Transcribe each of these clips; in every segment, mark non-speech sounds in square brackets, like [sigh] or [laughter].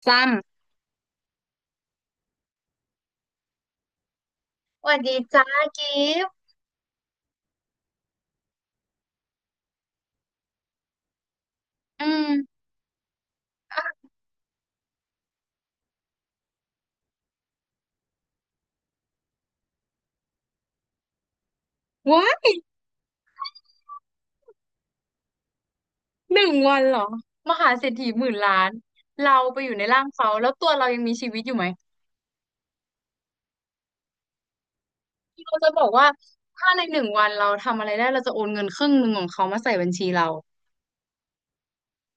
ซมสวัสดีจ้ากิฟต์อืมว้ายหนึ่งวันเหรอมหาเศรษฐีหมื่นล้านเราไปอยู่ในร่างเขาแล้วตัวเรายังมีชีวิตอยู่ไหมเราจะบอกว่าถ้าในหนึ่งวันเราทำอะไรได้เราจะโอนเงินครึ่งหนึ่งของเขามาใส่บัญชีเรา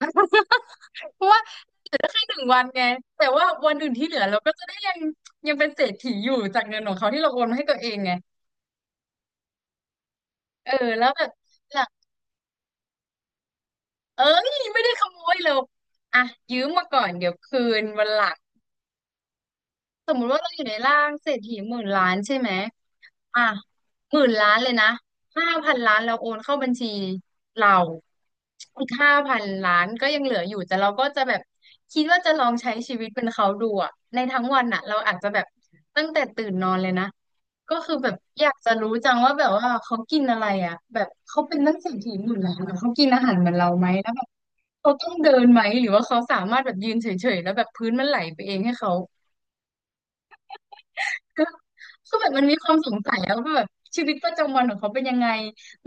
[laughs] เพราะว่าเหลือแค่หนึ่งวันไงแต่ว่าวันอื่นที่เหลือเราก็จะได้ยังเป็นเศรษฐีอยู่จากเงินของเขาที่เราโอนมาให้ตัวเองไงเออแล้วแบบหลังเอ้ยไม่ได้ขโมยเราอ่ะยืมมาก่อนเดี๋ยวคืนวันหลัง สมมุติว่าเราอยู่ในร่างเศรษฐีหมื่นล้านใช่ไหมอ่ะหมื่นล้านเลยนะห้าพันล้านเราโอนเข้าบัญชีเราอีกห้าพันล้านก็ยังเหลืออยู่แต่เราก็จะแบบคิดว่าจะลองใช้ชีวิตเป็นเขาดูอะในทั้งวันอะเราอาจจะแบบตั้งแต่ตื่นนอนเลยนะก็คือแบบอยากจะรู้จังว่าแบบว่าเขากินอะไรอะแบบเขาเป็นนักเศรษฐีหมื่นล้านอะเขากินอาหารเหมือนเราไหมแล้วแบบเขาต้องเดินไหมหรือว่าเขาสามารถแบบยืนเฉยๆแล้วแบบพื้นมันไหลไปเองให้เขา ก็คือแบบมันมีความสงสัยอะว่าแบบชีวิตประจำวันของเขาเป็นยังไง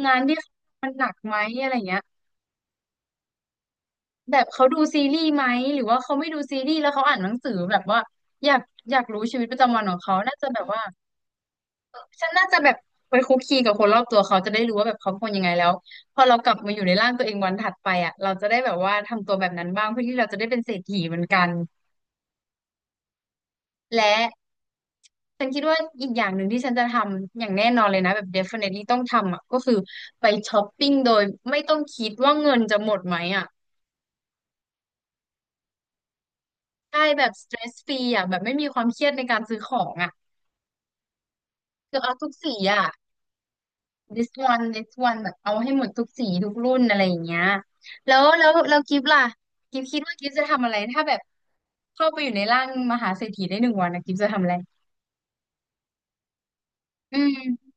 งานที่เขาทำมันหนักไหมอะไรเงี้ยแบบเขาดูซีรีส์ไหมหรือว่าเขาไม่ดูซีรีส์แล้วเขาอ่านหนังสือแบบว่าอยากอยากรู้ชีวิตประจำวันของเขาน่าจะแบบว่าฉันน่าจะแบบไปคุกคีกับคนรอบตัวเขาจะได้รู้ว่าแบบเขาเป็นคนยังไงแล้วพอเรากลับมาอยู่ในร่างตัวเองวันถัดไปอ่ะเราจะได้แบบว่าทำตัวแบบนั้นบ้างเพื่อที่เราจะได้เป็นเศรษฐีเหมือนกันและ ฉันคิดว่าอีกอย่างหนึ่งที่ฉันจะทำอย่างแน่นอนเลยนะแบบ definitely ต้องทำอ่ะก็คือไปช้อปปิ้งโดยไม่ต้องคิดว่าเงินจะหมดไหมอ่ะใช่แบบ stress free อ่ะแบบไม่มีความเครียดในการซื้อของอ่ะคือเอาทุกสีอ่ะ this one this one แบบเอาให้หมดทุกสีทุกรุ่นอะไรอย่างเงี้ยแล้วกิฟต์ล่ะกิฟต์คิดว่ากิฟต์จะทำอะไรถ้าแบบเข้าไปอยู่ในร่างมหาเศรษฐีได้หนึ่งวันนะกิฟต์จะทำอะไรอืม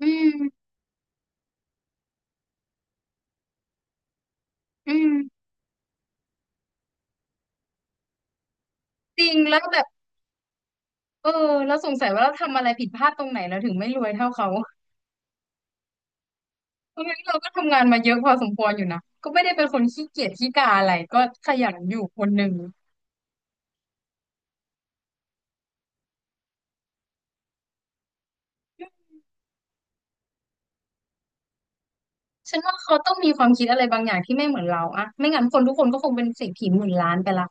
อืมอืมจริงแล้วแบบ เออแล้วสงสัยว่าเราทำอะไรผิดพลาดตรงไหนเราถึงไม่รวยเท่าเขาเพราะงั้นเราก็ทำงานมาเยอะพอสมควรอยู่นะก็ไม่ได้เป็นคนขี้เกียจขี้กาอะไรก็ขยันอยู่คนหนึ่งฉันว่าเขาต้องมีความคิดอะไรบางอย่างที่ไม่เหมือนเราอะไม่งั้นคนทุกคนก็คงเป็นเศรษฐีหมื่นล้านไปละ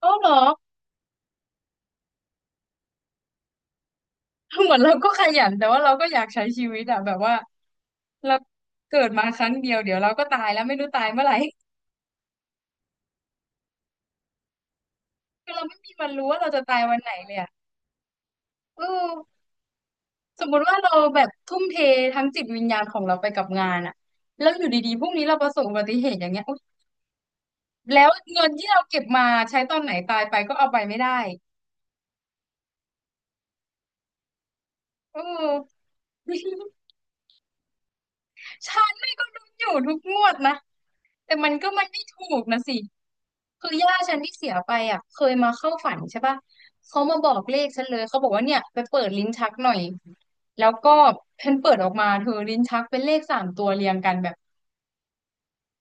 เออเหรอเหมือนเราก็ขยันแต่ว่าเราก็อยากใช้ชีวิตอะแบบว่าเราเกิดมาครั้งเดียวเดี๋ยวเราก็ตายแล้วไม่รู้ตายเมื่อไหร่ [laughs] คือเราไม่มีวันรู้ว่าเราจะตายวันไหนเลยอะเออ สมมุติว่าเราแบบทุ่มเททั้งจิตวิญญาณของเราไปกับงานอะแล้วอยู่ดีๆพรุ่งนี้เราประสบอุบัติเหตุอย่างเงี้ยอุ๊ยแล้วเงินที่เราเก็บมาใช้ตอนไหนตายไปก็เอาไปไม่ได้เออ [laughs] ฉันไม่ก็ดูอยู่ทุกงวดนะแต่มันก็มันไม่ถูกนะสิคือย่าฉันที่เสียไปอ่ะเคยมาเข้าฝันใช่ปะเขามาบอกเลขฉันเลยเขาบอกว่าเนี่ยไปเปิดลิ้นชักหน่อยแล้วก็เพิ่นเปิดออกมาเธอลิ้นชักเป็นเลขสามตัวเรียงกันแบบ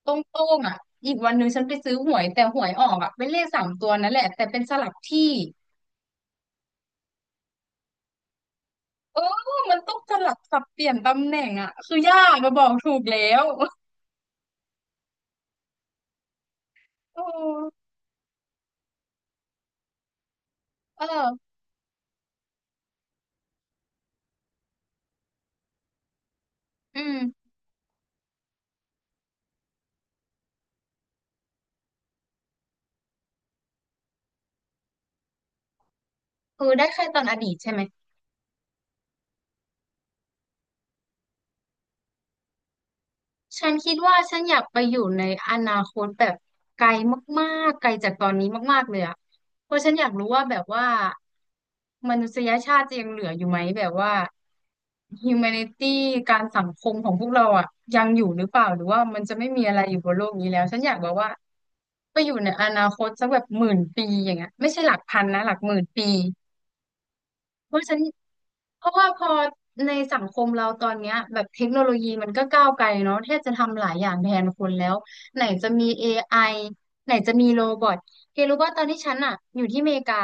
โต้งๆอ่ะอีกวันหนึ่งฉันไปซื้อหวยแต่หวยออกอ่ะเป็นเลขสามตัวนั่นแหละแต่เป็นสลับที่เออมันต้องสลับสับเปลี่ยนตำแหน่งอ่ะคือยากมาบอกถูกแล้ว [laughs] โอเอออืมคือได้แค่ตอนอดีตใช่ไหม ฉันคิดว่าฉันอยากไปอยู่ในอนาคตแบบไกลมากๆไกลจากตอนนี้มากๆเลยอะเพราะฉันอยากรู้ว่าแบบว่ามนุษยชาติจะยังเหลืออยู่ไหมแบบว่า humanity การสังคมของพวกเราอะยังอยู่หรือเปล่าหรือว่ามันจะไม่มีอะไรอยู่บนโลกนี้แล้วฉันอยากแบบว่าไปอยู่ในอนาคตสักแบบหมื่นปีอย่างเงี้ยไม่ใช่หลักพันนะหลักหมื่นปี เพราะฉันเพราะว่าพอในสังคมเราตอนเนี้ยแบบเทคโนโลยีมันก็ก้าวไกลเนาะแทบจะทำหลายอย่างแทนคนแล้วไหนจะมี AI ไอไหนจะมีโรบอทเธอรู้ว่าตอนที่ฉันอะอยู่ที่อเมริกา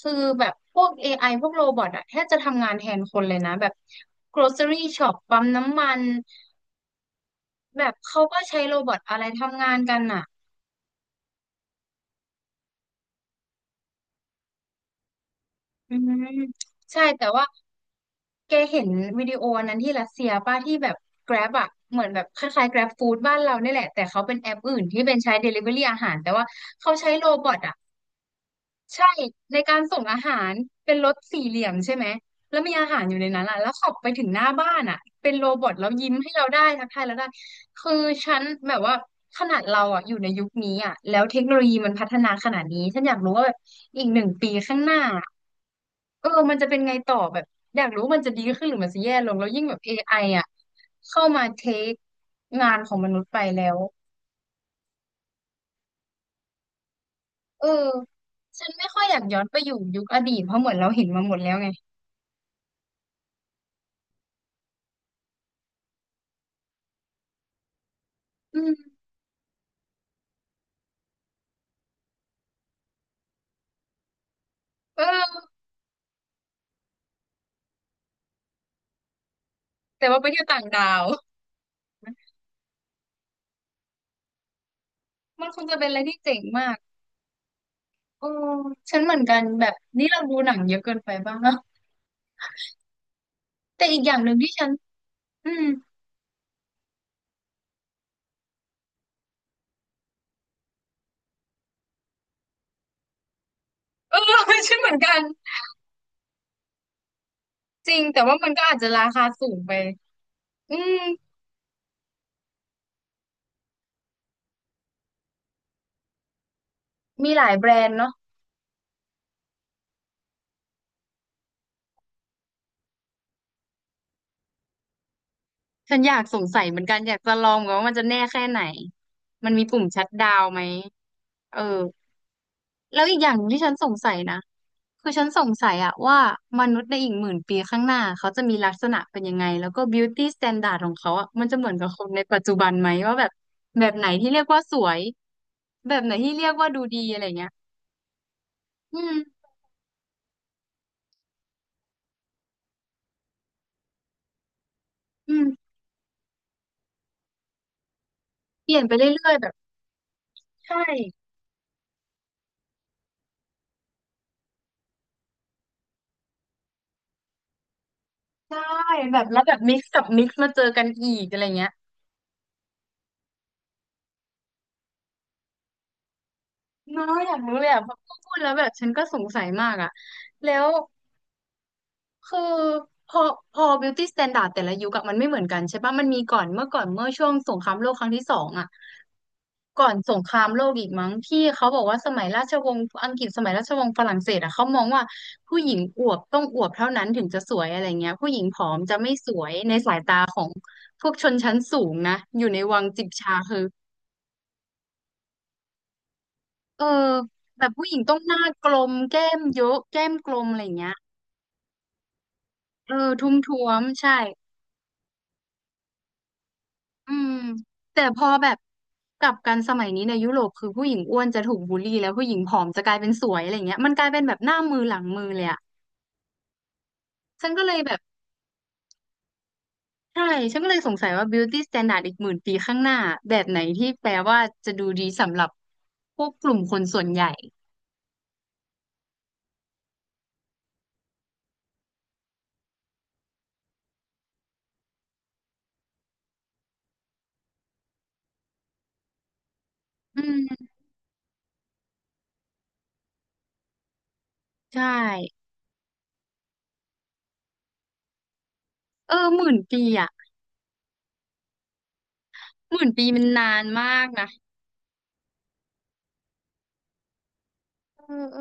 คือแบบพวก AI พวกโรบอทอะแทบจะทำงานแทนคนเลยนะแบบ grocery shop ปั๊มน้ำมันแบบเขาก็ใช้โรบอทอะไรทำงานกันอะอืมใช่แต่ว่า แกเห็นวิดีโออันนั้นที่รัสเซียป้าที่แบบ Grab อะเหมือนแบบคล้ายๆ Grab Food บ้านเราเนี่ยแหละแต่เขาเป็นแอปอื่นที่เป็นใช้ Delivery อาหารแต่ว่าเขาใช้โรบอทอะ ใช่ในการส่งอาหารเป็นรถสี่เหลี่ยมใช่ไหมแล้วมีอาหารอยู่ในนั้นอ่ะแล้วขับไปถึงหน้าบ้านอ่ะเป็นโรบอทแล้วยิ้มให้เราได้ทักทายเราได้คือฉันแบบว่าขนาดเราอ่ะอยู่ในยุคนี้อ่ะแล้วเทคโนโลยีมันพัฒนาขนาดนี้ฉันอยากรู้ว่าแบบอีกหนึ่งปีข้างหน้าอะเออมันจะเป็นไงต่อแบบอยากรู้มันจะดีขึ้นหรือมันจะแย่ลงแล้วยิ่งแบบ AI อไออ่ะเข้ามาเทคงานของมนุษย์ไปแล้วเออฉันไม่ค่อยอยากย้อนไปอยู่ยุคอดีตเพราะเหมือนเราเห็นมาหมดแล้วไง อืมเออแต่ว่าไปเที่ยวต่างดาว [laughs] มันคงจะเป็นอะไรที่เจ๋งมากโอ้ฉันเหมือนกันแบบนี่เราดูหนังเยอะเกินไปบ้างเนาะแต่อีกอย่างหนึ่งที่ฉันอืมเออ [laughs] ฉันเหมือนกันจริงแต่ว่ามันก็อาจจะราคาสูงไปอืมมีหลายแบรนด์เนาะฉันอยากสงสัยเหมือนกันอยากจะลองว่ามันจะแน่แค่ไหนมันมีปุ่มชัตดาวน์ไหมเออ แล้วอีกอย่างหนึ่งที่ฉันสงสัยนะคือฉันสงสัยอะว่ามนุษย์ในอีกหมื่นปีข้างหน้าเขาจะมีลักษณะเป็นยังไงแล้วก็ beauty standard ของเขาอะมันจะเหมือนกับคนในปัจจุบันไหมว่าแบบแบบไหนที่เรียกว่าสวยแบบไหนที่เรียกว่าดูดีอะไรเงี้ยอืมอืมเปลี่ยนไปเรื่อยๆแบบใช่ใช่แบบแล้วแบบมิกซ์กับมิกซ์มาเจอกันอีกอะไรเงี้ยเน้อยอยากรู้เลยอะพอพูดแล้วแบบฉันก็สงสัยมากอะแล้ว คือพอพอ beauty standard แต่ละยุคอะมันไม่เหมือนกันใช่ปะมันมีก่อนเมื่อก่อนเมื่อช่วงสงครามโลกครั้งที่สองอะก่อนสงครามโลกอีกมั้งที่เขาบอกว่าสมัยราชวงศ์อังกฤษสมัยราชวงศ์ฝรั่งเศสอะเขามองว่าผู้หญิงอวบต้องอวบเท่านั้นถึงจะสวยอะไรเงี้ยผู้หญิงผอมจะไม่สวยในสายตาของพวกชนชั้นสูงนะอยู่ในวังจิบชาคือเออแบบผู้หญิงต้องหน้ากลมแก้มเยอะแก้มกลมอะไรเงี้ยเออทุ้มท้วมใช่ อืมแต่พอแบบกลับกันสมัยนี้ในยุโรปคือผู้หญิงอ้วนจะถูกบูลลี่แล้วผู้หญิงผอมจะกลายเป็นสวยอะไรเงี้ยมันกลายเป็นแบบหน้ามือหลังมือเลยอะฉันก็เลยแบบใช่ฉันก็เลยสงสัยว่า beauty standard อีกหมื่นปีข้างหน้าแบบไหนที่แปลว่าจะดูดีสำหรับพวกกลุ่มคนส่วนใหญ่อืมใช่เออหมื่นปีอะหมื่นปีมันนานมากนะเออเออ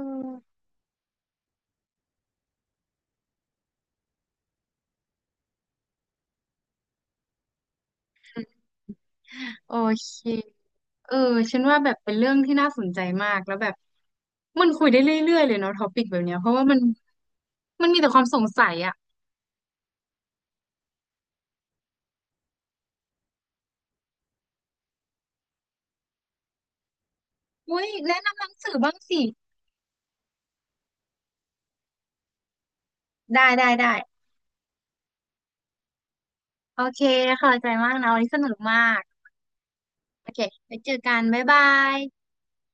โอเค เออ ฉันว่าแบบเป็นเรื่องที่น่าสนใจมาก แล้วแบบมันคุยได้เรื่อยๆเลยเนาะท็อปิกแบบเนี้ย เพราะว่ามันมันมีแต่ความสงสัยอ่ะอุ้ย แนะนำหนังสือบ้างสิ ได้ได้ได้โอเคขอบใจมากนะวันนี้สนุกมาก โอเค ไปเจอกัน บ๊ายบาย